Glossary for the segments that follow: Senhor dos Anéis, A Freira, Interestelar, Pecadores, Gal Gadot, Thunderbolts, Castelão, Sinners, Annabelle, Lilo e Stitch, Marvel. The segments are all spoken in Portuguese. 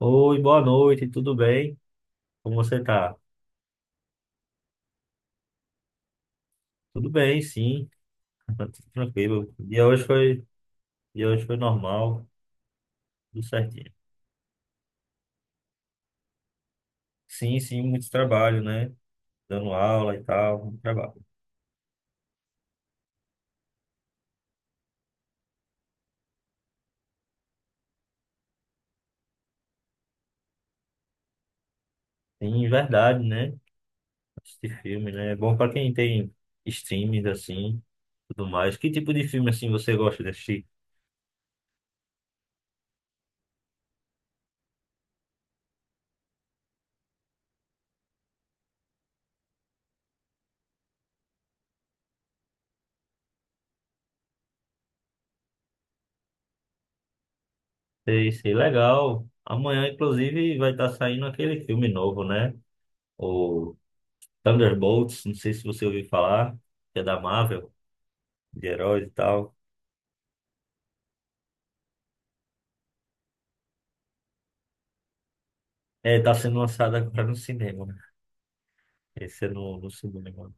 Oi, boa noite, tudo bem? Como você tá? Tudo bem, sim, tá tudo tranquilo. Dia hoje foi, e hoje foi normal, tudo certinho. Sim, sim, muito trabalho, né? Dando aula e tal, muito trabalho. Sim, verdade, né? Assistir filme, né? É bom para quem tem streams assim, tudo mais. Que tipo de filme assim você gosta de assistir? Sei, sei, legal. Amanhã, inclusive, vai estar saindo aquele filme novo, né? O Thunderbolts, não sei se você ouviu falar, que é da Marvel, de heróis e tal. É, tá sendo lançado agora no cinema, né? Esse é no cinema.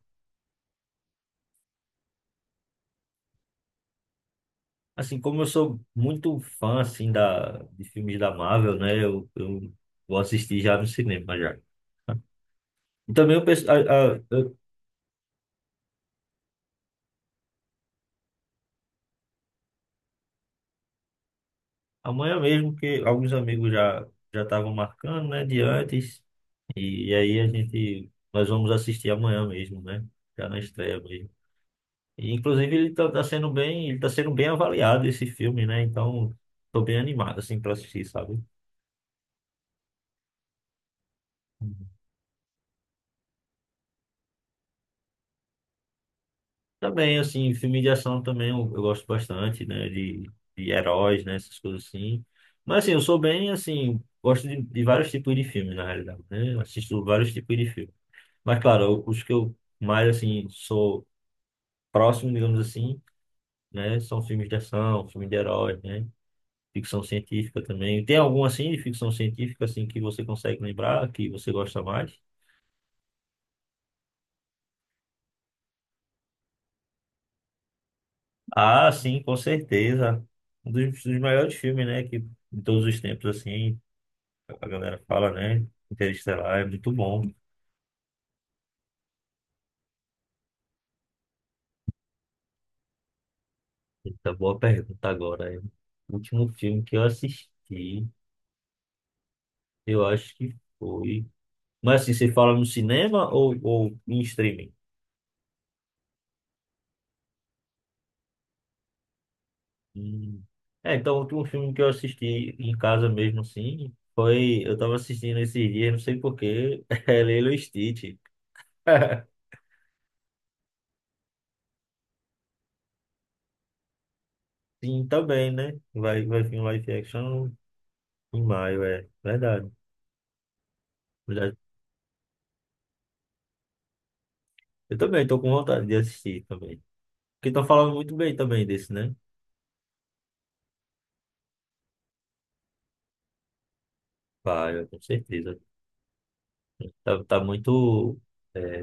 Assim, como eu sou muito fã, assim, de filmes da Marvel, né? Eu vou assistir já no cinema, já. E também eu penso, a, eu- amanhã mesmo, que alguns amigos já estavam marcando, né? De antes. E aí a gente, nós vamos assistir amanhã mesmo, né? Já na estreia mesmo. E, inclusive, ele tá sendo bem avaliado, esse filme, né? Então, tô bem animado, assim, pra assistir, sabe? Também, assim, filme de ação também eu gosto bastante, né? De heróis, né? Essas coisas assim. Mas, assim, eu sou bem, assim, gosto de vários tipos de filme, na realidade, né? Eu assisto vários tipos de filme. Mas, claro, os que eu mais, assim, sou próximo, digamos assim, né? São filmes de ação, filmes de heróis, né? Ficção científica também. Tem algum, assim, de ficção científica, assim, que você consegue lembrar, que você gosta mais? Ah, sim, com certeza. Um dos maiores filmes, né? Que, de todos os tempos, assim, a galera fala, né? Interestelar é muito bom. Eita, boa pergunta agora. O último filme que eu assisti, eu acho que foi. Mas assim, você fala no cinema ou em streaming? Hum. É, então o último filme que eu assisti em casa mesmo, assim, foi. Eu tava assistindo esses dias, não sei porquê, é Lilo e Stitch. Sim, também, né? Vai vir um live action em maio, é verdade. Verdade. Eu também tô com vontade de assistir também, que estão falando muito bem também desse, né? Vai, com certeza. Tá muito, é,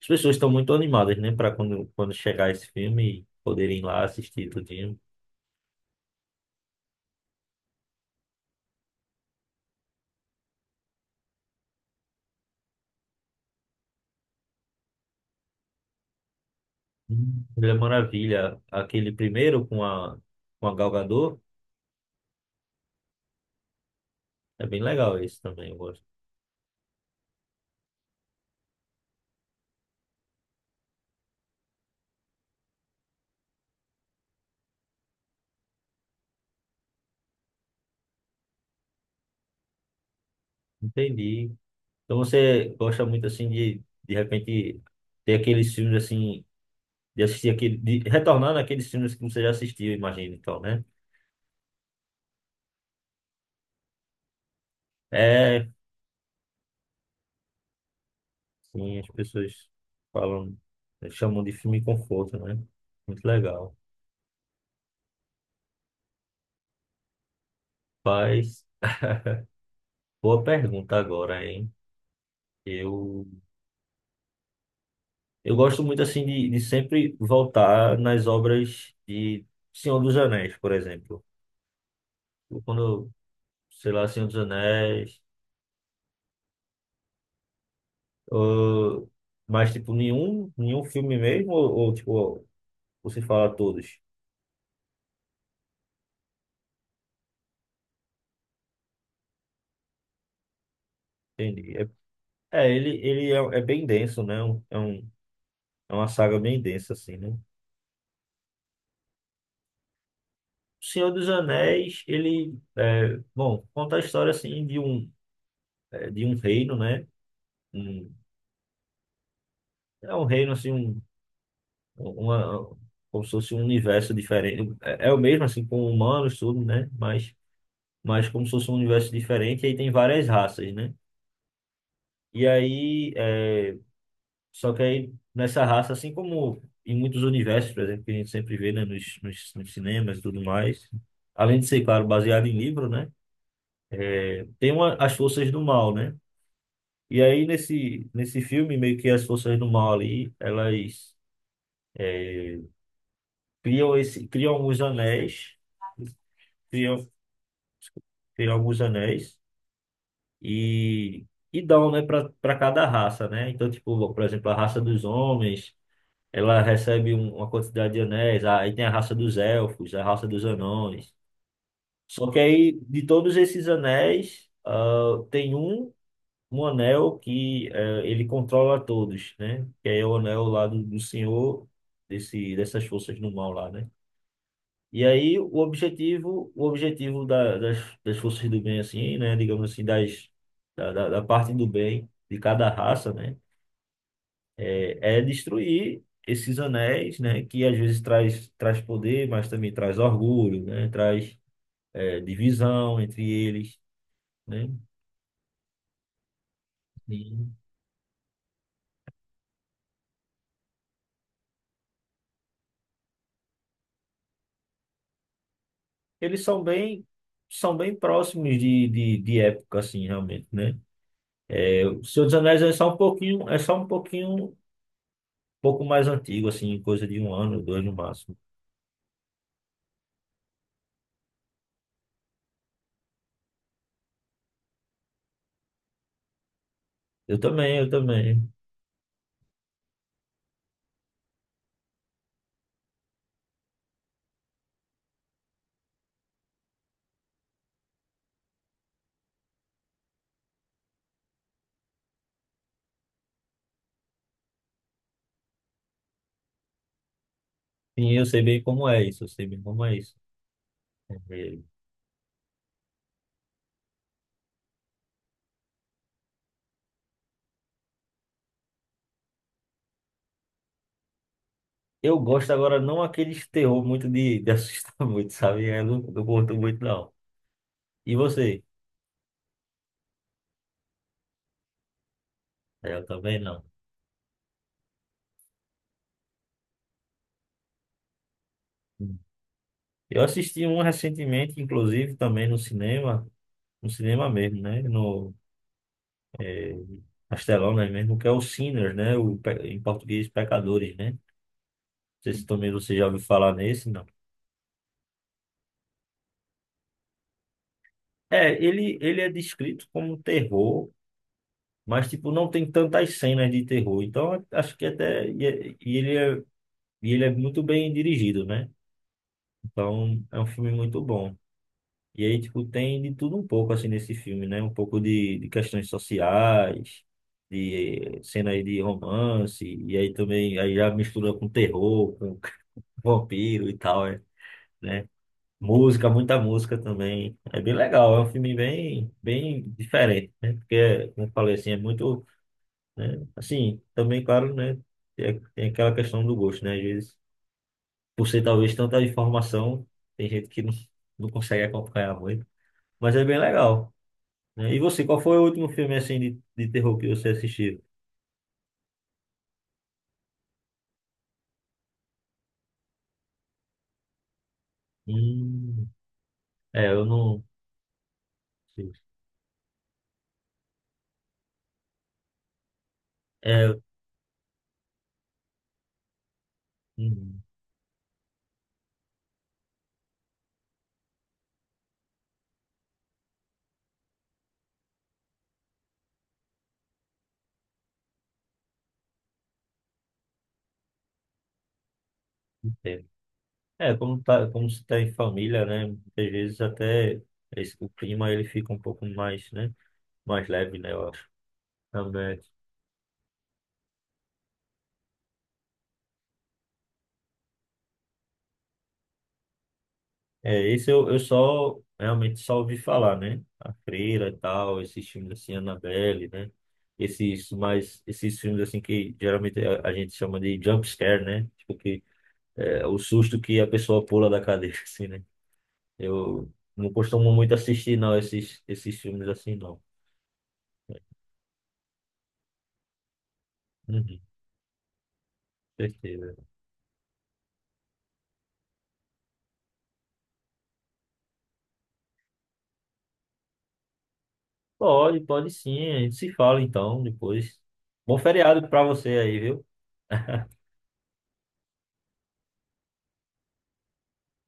as pessoas estão muito animadas, né? Para quando chegar esse filme e poderem ir lá assistir tudinho. Ele é maravilha. Aquele primeiro com a Gal Gadot, é bem legal esse também, eu gosto. Entendi. Então você gosta muito assim de repente, ter aqueles filmes assim, de assistir aquele, de retornar naqueles filmes que você já assistiu, imagina, então, né? É. Sim, as pessoas falam, chamam de filme conforto, né? Muito legal. Mas, boa pergunta agora, hein? Eu, eu gosto muito, assim, de sempre voltar nas obras de Senhor dos Anéis, por exemplo. Eu, Quando, eu, sei lá, Senhor dos Anéis, ou- mas, tipo, nenhum filme mesmo, ou, tipo, você fala todos? Entendi. Ele é, é bem denso, né? É uma saga bem densa, assim, né? O Senhor dos Anéis, ele, é, bom, conta a história, assim, de um, de um reino, né? Um- é um reino, assim, um, uma, como se fosse um universo diferente. É, é o mesmo, assim, com humanos, tudo, né? Mas como se fosse um universo diferente, aí tem várias raças, né? E aí, só que aí, nessa raça, assim como em muitos universos, por exemplo, que a gente sempre vê, né, nos cinemas e tudo mais, além de ser, claro, baseado em livro, né? Tem uma, as forças do mal, né? E aí, nesse filme, meio que as forças do mal ali, elas criam esse, criam alguns anéis, criam, criam alguns anéis e, e dão, né, para cada raça, né? Então, tipo, por exemplo, a raça dos homens, ela recebe uma quantidade de anéis, aí tem a raça dos elfos, a raça dos anões. Só que aí, de todos esses anéis, ah, tem um anel que ele controla todos, né? Que é o anel lá do, do senhor desse, dessas forças do mal lá, né? E aí o objetivo da, das forças do bem, assim, né? Digamos assim, da parte do bem de cada raça, né? É, é destruir esses anéis, né? Que às vezes traz, traz poder, mas também traz orgulho, né? Traz divisão entre eles, né? Eles são bem próximos de, de época, assim, realmente, né? É, o Senhor dos Anéis é só um pouquinho, um pouco mais antigo, assim, coisa de um ano, dois no máximo. Eu também, eu também. Sim, eu sei bem como é isso, eu sei bem como é isso. É. Eu gosto agora, não aqueles terror muito de assustar muito, sabe? Eu não, não curto muito, não. E você? É, eu também não. Hum. Eu assisti um recentemente, inclusive, também no cinema, no cinema mesmo, né? No, é, Castelão, né? Mesmo que é o Sinners, né? O, em português, Pecadores, né? Não sei se também você já ouviu falar nesse, não. É, ele é descrito como terror, mas, tipo, não tem tantas cenas de terror. Então, acho que até... E, e ele é muito bem dirigido, né? Então, é um filme muito bom. E aí, tipo, tem de tudo um pouco, assim, nesse filme, né? Um pouco de questões sociais, de cenas de romance, e aí também aí já mistura com terror, vampiro e tal, é, né? Música, muita música também. É bem legal, é um filme bem, bem diferente, né? Porque, como eu falei assim, é muito, né? Assim, também, claro, né? Tem aquela questão do gosto, né? Às vezes, por ser talvez tanta informação, tem gente que não, não consegue acompanhar muito, mas é bem legal, né? E você, qual foi o último filme, assim, de terror que você assistiu? Hum, eu não... É, hum, não. É, como se tá em família, né? Muitas vezes até o clima ele fica um pouco mais, né? Mais leve, né? Eu acho. Também. É, esse eu só realmente só ouvi falar, né? A Freira e tal, esses filmes assim, Annabelle, né? Esses filmes assim que geralmente a gente chama de jump scare, né? Tipo que é o susto que a pessoa pula da cadeira, assim, né? Eu não costumo muito assistir, não, esses filmes assim, não. Uhum, certeza. Pode, pode sim. A gente se fala então depois. Bom feriado pra você aí, viu?